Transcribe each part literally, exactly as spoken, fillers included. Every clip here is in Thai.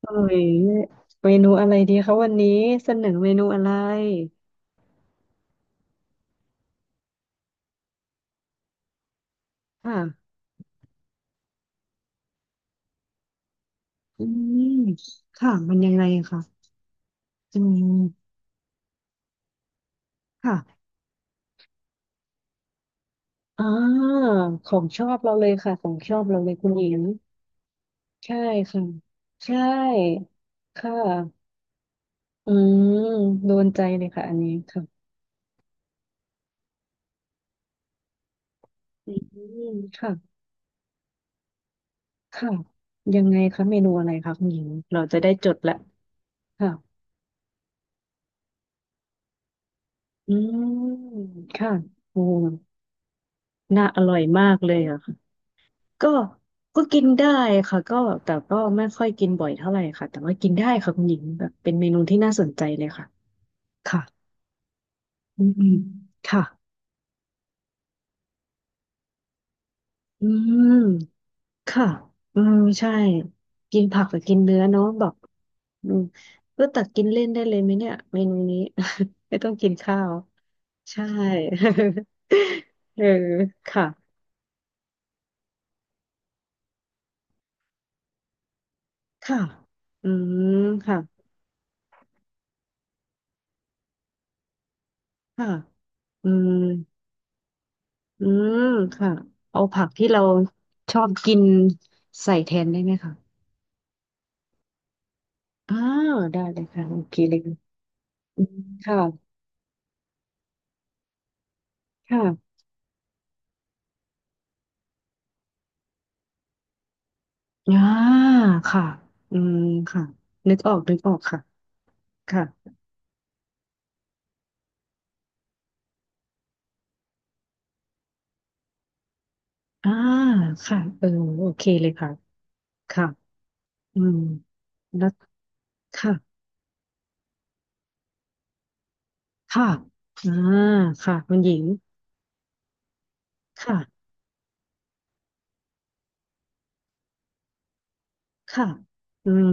เอ้ยเมนูอะไรดีคะวันนี้เสนอเมนูอะไรค่ะอืมค่ะมันยังไงคะอืมค่ะอ่าของชอบเราเลยค่ะของชอบเราเลยคุณหญิงใช่ค่ะใช่ค่ะอืมโดนใจเลยค่ะอันนี้ค่ะอืมค่ะค่ะยังไงคะเมนูอะไรคะคุณหญิงเราจะได้จดละค่ะอืมค่ะโอ้น่าอร่อยมากเลยอะ ก็ก็กินได้ค่ะก็แต่ก็ไม่ค่อยกินบ่อยเท่าไหร่ค่ะแต่ว่ากินได้ค่ะคุณหญิงแบบเป็นเมนูที่น่าสนใจเลยค่ะค่ะอืมอืมค่ะอืมค่ะอืมใช่กินผักกับกินเนื้อเนาะแบบอืมก็ตักกินเล่นได้เลยไหมเนี่ยเมนูนี้ ไม่ต้องกินข้าวใช่ เออค่ะค่ะอืมค่ะค่ะอืม อืมค่ะเอาผักที่เราชอบกินใส่แทนได้ไหมคะอ่าได้เลยค่ะโอเคเลยค่ะอืมค่ะค่ะอ่าค่ะอืมค่ะนึกออกนึกออกค่ะค่ะอ่าค่ะเออโอเคเลยค่ะค่ะอืมแล้วค่ะค่ะอ่าค่ะคุณหญิงค่ะค่ะอืม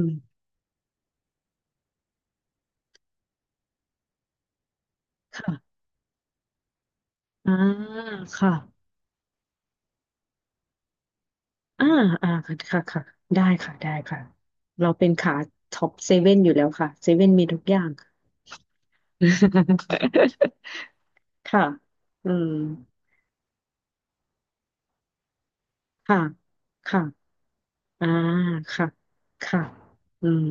ค่ะอ่าค่ะ อ่าอ่าค่ะค่ะค่ะได้ค่ะได้ค่ะเราเป็นขาท็อปเซเว่นอยู่แล้วค่ะเซเว่นมีทุกอย่าง ค่ะอืมค่ะค่ะอ่าค่ะค่ะอืม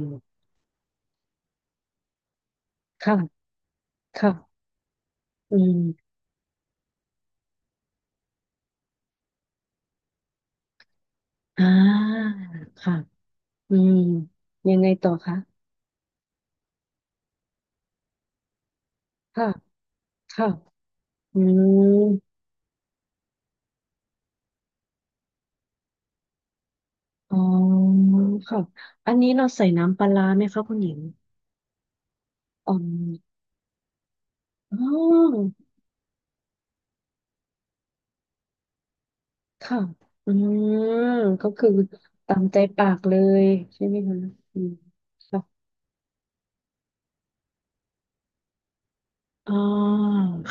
ค่ะค่ะอืมอ่าค่ะอืมยังไงต่อคะค่ะค่ะอืมอ๋อค่ะอันนี้เราใส่น้ำปลาร้าไหมคะคุณหญิงอ๋ออ๋อ ค่ะอืมก็คือตามใจปากเลยใช่ไหมคะอืมค่ะอ่า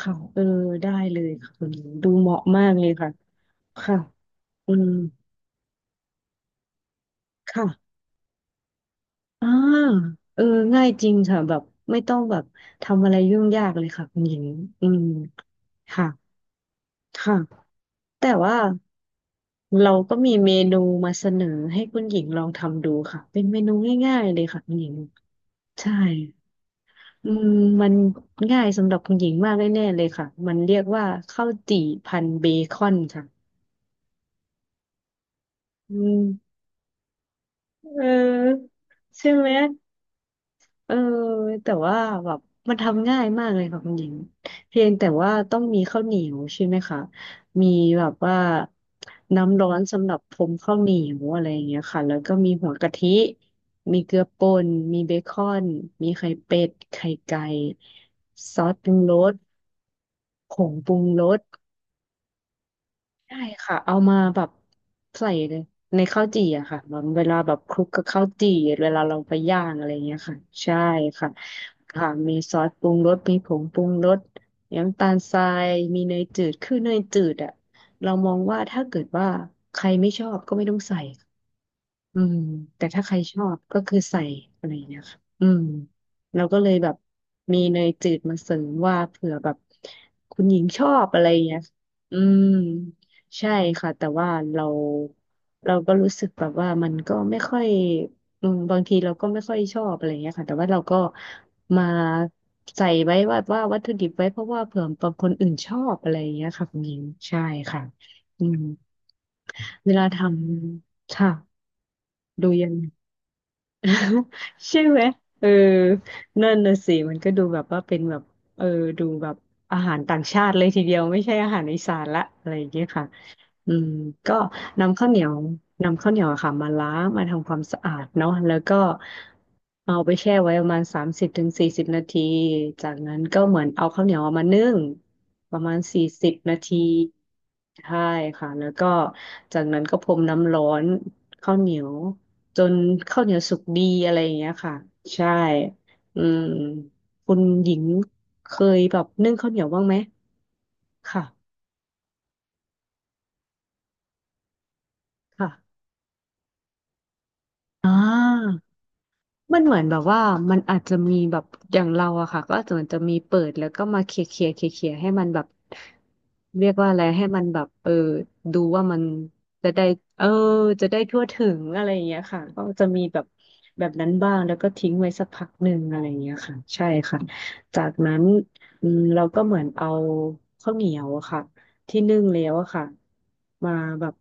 ค่ะเออได้เลยค่ะคุณดูเหมาะมากเลยค่ะค่ะอืมค่ะอ่าเออง่ายจริงค่ะแบบไม่ต้องแบบทำอะไรยุ่งยากเลยค่ะคุณหญิงอืมค่ะค่ะ แต่ว่าเราก็มีเมนูมาเสนอให้คุณหญิงลองทำดูค่ะเป็นเมนูง่ายๆเลยค่ะคุณหญิงใช่ อืมมันง่ายสำหรับคุณหญิงมากแน่ๆเลยค่ะมันเรียกว่าข้าวจี่พันเบคอนค่ะอืมเออใช่ไหมเออแต่ว่าแบบมันทำง่ายมากเลยค่ะคุณหญิงเพียงแต่ว่าต้องมีข้าวเหนียวใช่ไหมคะมีแบบว่าน้ำร้อนสำหรับพรมข้าวเหนียวอะไรอย่างเงี้ยค่ะแล้วก็มีหัวกะทิมีเกลือป่นมีเบคอนมีไข่เป็ดไข่ไก่ซอสปรุงรสผงปรุงรส ใช่ค่ะเอามาแบบใส่ในข้าวจี่อะค่ะมันเวลาแบบคลุกกับข้าวจี่เวลาเราไปย่างอะไรเงี้ยค่ะใช่ค่ะค่ะมีซอสปรุงรสมีผงปรุงรสน้ำตาลทรายมีเนยจืดคือเนยจืดอะเรามองว่าถ้าเกิดว่าใครไม่ชอบก็ไม่ต้องใส่ อืมแต่ถ้าใครชอบก็คือใส่อะไรอย่างเงี้ยค่ะอืมเราก็เลยแบบมีเนยจืดมาเสริมว่าเผื่อแบบคุณหญิงชอบอะไรอย่างเงี้ยอืมใช่ค่ะแต่ว่าเราเราก็รู้สึกแบบว่ามันก็ไม่ค่อยอืมบางทีเราก็ไม่ค่อยชอบอะไรอย่างเงี้ยค่ะแต่ว่าเราก็มาใส่ไว้ว่าว่าวัตถุดิบไว้เพราะว่าเผื่อบางคนอื่นชอบอะไรอย่างเงี้ยค่ะคุณหญิงใช่ค่ะอืมเวลาทำค่ะดูยัง ใช่ไหมเออนั่นน่ะสิมันก็ดูแบบว่าเป็นแบบเออดูแบบอาหารต่างชาติเลยทีเดียวไม่ใช่อาหารอีสานละอะไรอย่างเงี้ยค่ะ อืมก็นำข้าวเหนียวนำข้าวเหนียวอะค่ะมาล้างมาทำความสะอาดเนาะแล้วก็เอาไปแช่ไว้ประมาณสามสิบถึงสี่สิบนาทีจากนั้นก็เหมือนเอาข้าวเหนียวเอามานึ่งประมาณสี่สิบนาทีใช่ค่ะแล้วก็จากนั้นก็พรมน้ำร้อนข้าวเหนียวจนข้าวเหนียวสุกดีอะไรอย่างเงี้ยค่ะใช่อืมคุณหญิงเคยแบบนึ่งข้าวเหนียวบ้างไหมค่ะค่ะอ่า มันเหมือนแบบว่ามันอาจจะมีแบบอย่างเราอะค่ะก็ส่วนจะมีเปิดแล้วก็มาเคลียร์เคลียร์เคลียร์เคลียร์ให้มันแบบเรียกว่าอะไรให้มันแบบเออดูว่ามันจะได้เออจะได้ทั่วถึงอะไรอย่างเงี้ยค่ะก็จะมีแบบแบบนั้นบ้างแล้วก็ทิ้งไว้สักพักหนึ่งอะไรอย่างเงี้ยค่ะใช่ค่ะจากนั้นอืมเราก็เหมือนเอาข้าวเหนียวอะค่ะที่นึ่งแล้วอะค่ะมาแบบ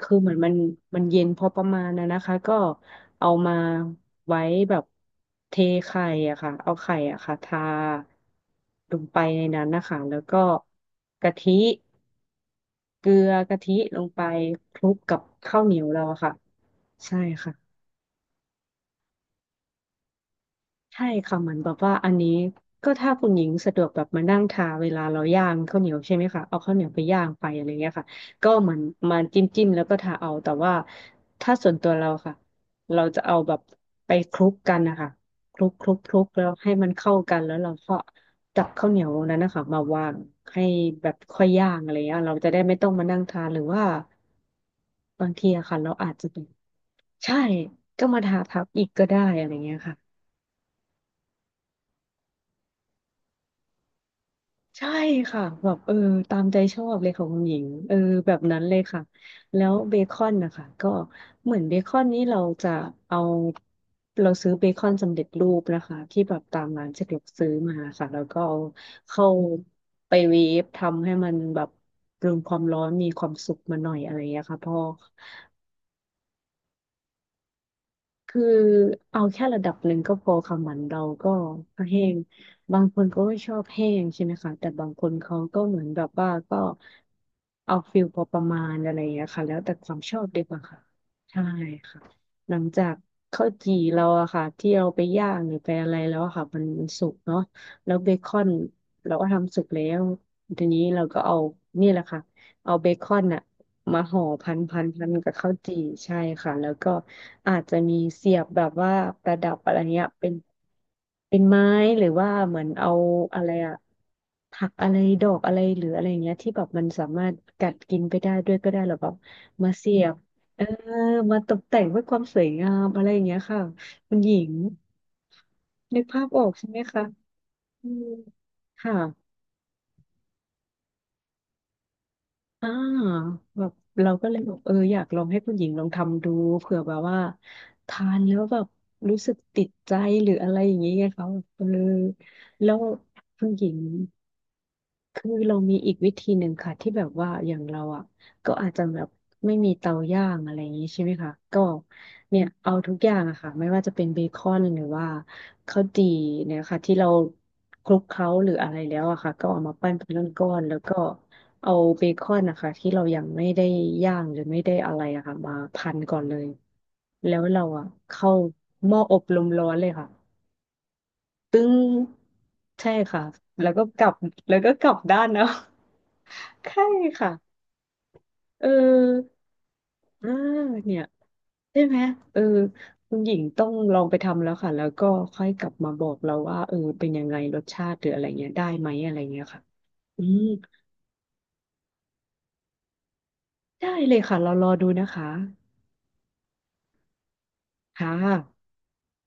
คือเหมือนมันมันเย็นพอประมาณนะนะคะก็เอามา ไว้แบบเทไข่อะค่ะเอาไข่อะค่ะทาลงไปในนั้นนะคะแล้วก็กะทิเกลือกะทิลงไปคลุกกับข้าวเหนียวเราอะค่ะใช่ค่ะ ใช่ค่ะเหมือนแบบว่าอันนี้ก็ถ้าคุณหญิงสะดวกแบบมานั่งทาเวลาเราย่างข้าวเหนียวใช่ไหมคะเอาข้าวเหนียวไปย่างไปอะไรเงี้ยค่ะก็เหมือนมาจิ้มจิ้มแล้วก็ทาเอาแต่ว่าถ้าส่วนตัวเราค่ะเราจะเอาแบบไปคลุกกันนะคะคลุกคลุกคลุกแล้วให้มันเข้ากันแล้วเราก็จับข้าวเหนียวนั้นนะคะมาวางให้แบบค่อยย่างอะไรเงี้ยเราจะได้ไม่ต้องมานั่งทานหรือว่าบางทีอะค่ะเราอาจจะเป็นใช่ก็มาทาทับอีกก็ได้อะไรเงี้ยค่ะ ใช่ค่ะแบบเออตามใจชอบเลยของคุณหญิงเออแบบนั้นเลยค่ะแล้วเบคอนนะคะก็เหมือนเบคอนนี้เราจะเอาเราซื้อเบคอนสำเร็จรูปนะคะที่แบบตามร้านสะดวกซื้อมาค่ะแล้วก็เอาเข้าไปเวฟทำให้มันแบบปรุงความร้อนมีความสุกมาหน่อยอะไรอย่างเงี้ยค่ะพอ คือเอาแค่ระดับหนึ่งก็พอค่ะเหมือนเราก็แห้งบางคนก็ไม่ชอบแห้งใช่ไหมคะแต่บางคนเขาก็เหมือนแบบว่าก็เอาฟิลพอประมาณอะไรอย่างเงี้ยค่ะแล้วแต่ความชอบดีกว่าค่ะใช่ค่ะหลังจากข้าวจี่เราอะค่ะที่เราไปย่างหรือไปอะไรแล้วอะค่ะมันมันสุกเนาะแล้วเบคอนเราก็ทำสุกแล้วทีนี้เราก็เอานี่แหละค่ะ เอาเบคอนอะมาห่อพันพันพันกับข้าวจี่ใช่ค่ะแล้วก็อาจจะมีเสียบแบบว่าประดับอะไรเงี้ยเป็นเป็นไม้หรือว่าเหมือนเอาอะไรอะผักอะไรดอกอะไรหรืออะไรเงี้ยที่แบบมันสามารถกัดกินไปได้ด้วยก็ได้หรอแบบมาเสียบเออมาตกแต่งเพื่อความสวยงามอะไรอย่างเงี้ยค่ะคุณหญิงนึกภาพออกใช่ไหมคะอืมค่ะ อ่าแบบเราก็เลยแบบเอออยากลองให้คุณหญิงลองทำดูเผื่อแบบว่าทานแล้วแบบรู้สึกติดใจหรืออะไรอย่างนี้ไงเขาเออแล้วคุณหญิงคือเรามีอีกวิธีหนึ่งค่ะที่แบบว่าอย่างเราอ่ะก็อาจจะแบบไม่มีเตาย่างอะไรอย่างนี้ใช่ไหมคะก็เนี่ยเอาทุกอย่างอะค่ะไม่ว่าจะเป็นเบคอนหรือว่าข้าวจี่เนี่ยค่ะที่เราคลุกเคล้าหรืออะไรแล้วอะค่ะก็เอามาปั้นเป็นก้อนๆแล้วก็ เอาเบคอนนะคะที่เรายังไม่ได้ย่างหรือไม่ได้อะไรอะค่ะมาพันก่อนเลยแล้วเราอะเข้าหม้ออบลมร้อนเลยค่ะตึ้งใช่ค่ะแล้วก็กลับแล้วก็กลับด้านเนาะ ใช่ค่ะเอออ่าเนี่ยใช่ไหมเออคุณหญิงต้องลองไปทำแล้วค่ะแล้วก็ค่อยกลับมาบอกเราว่าเออเป็นยังไงรสชาติหรืออะไรเงี้ยได้ไหมอะไรเงี้ยค่ะอืมได้เลยค่ะเรารอดูนะคะค่ะ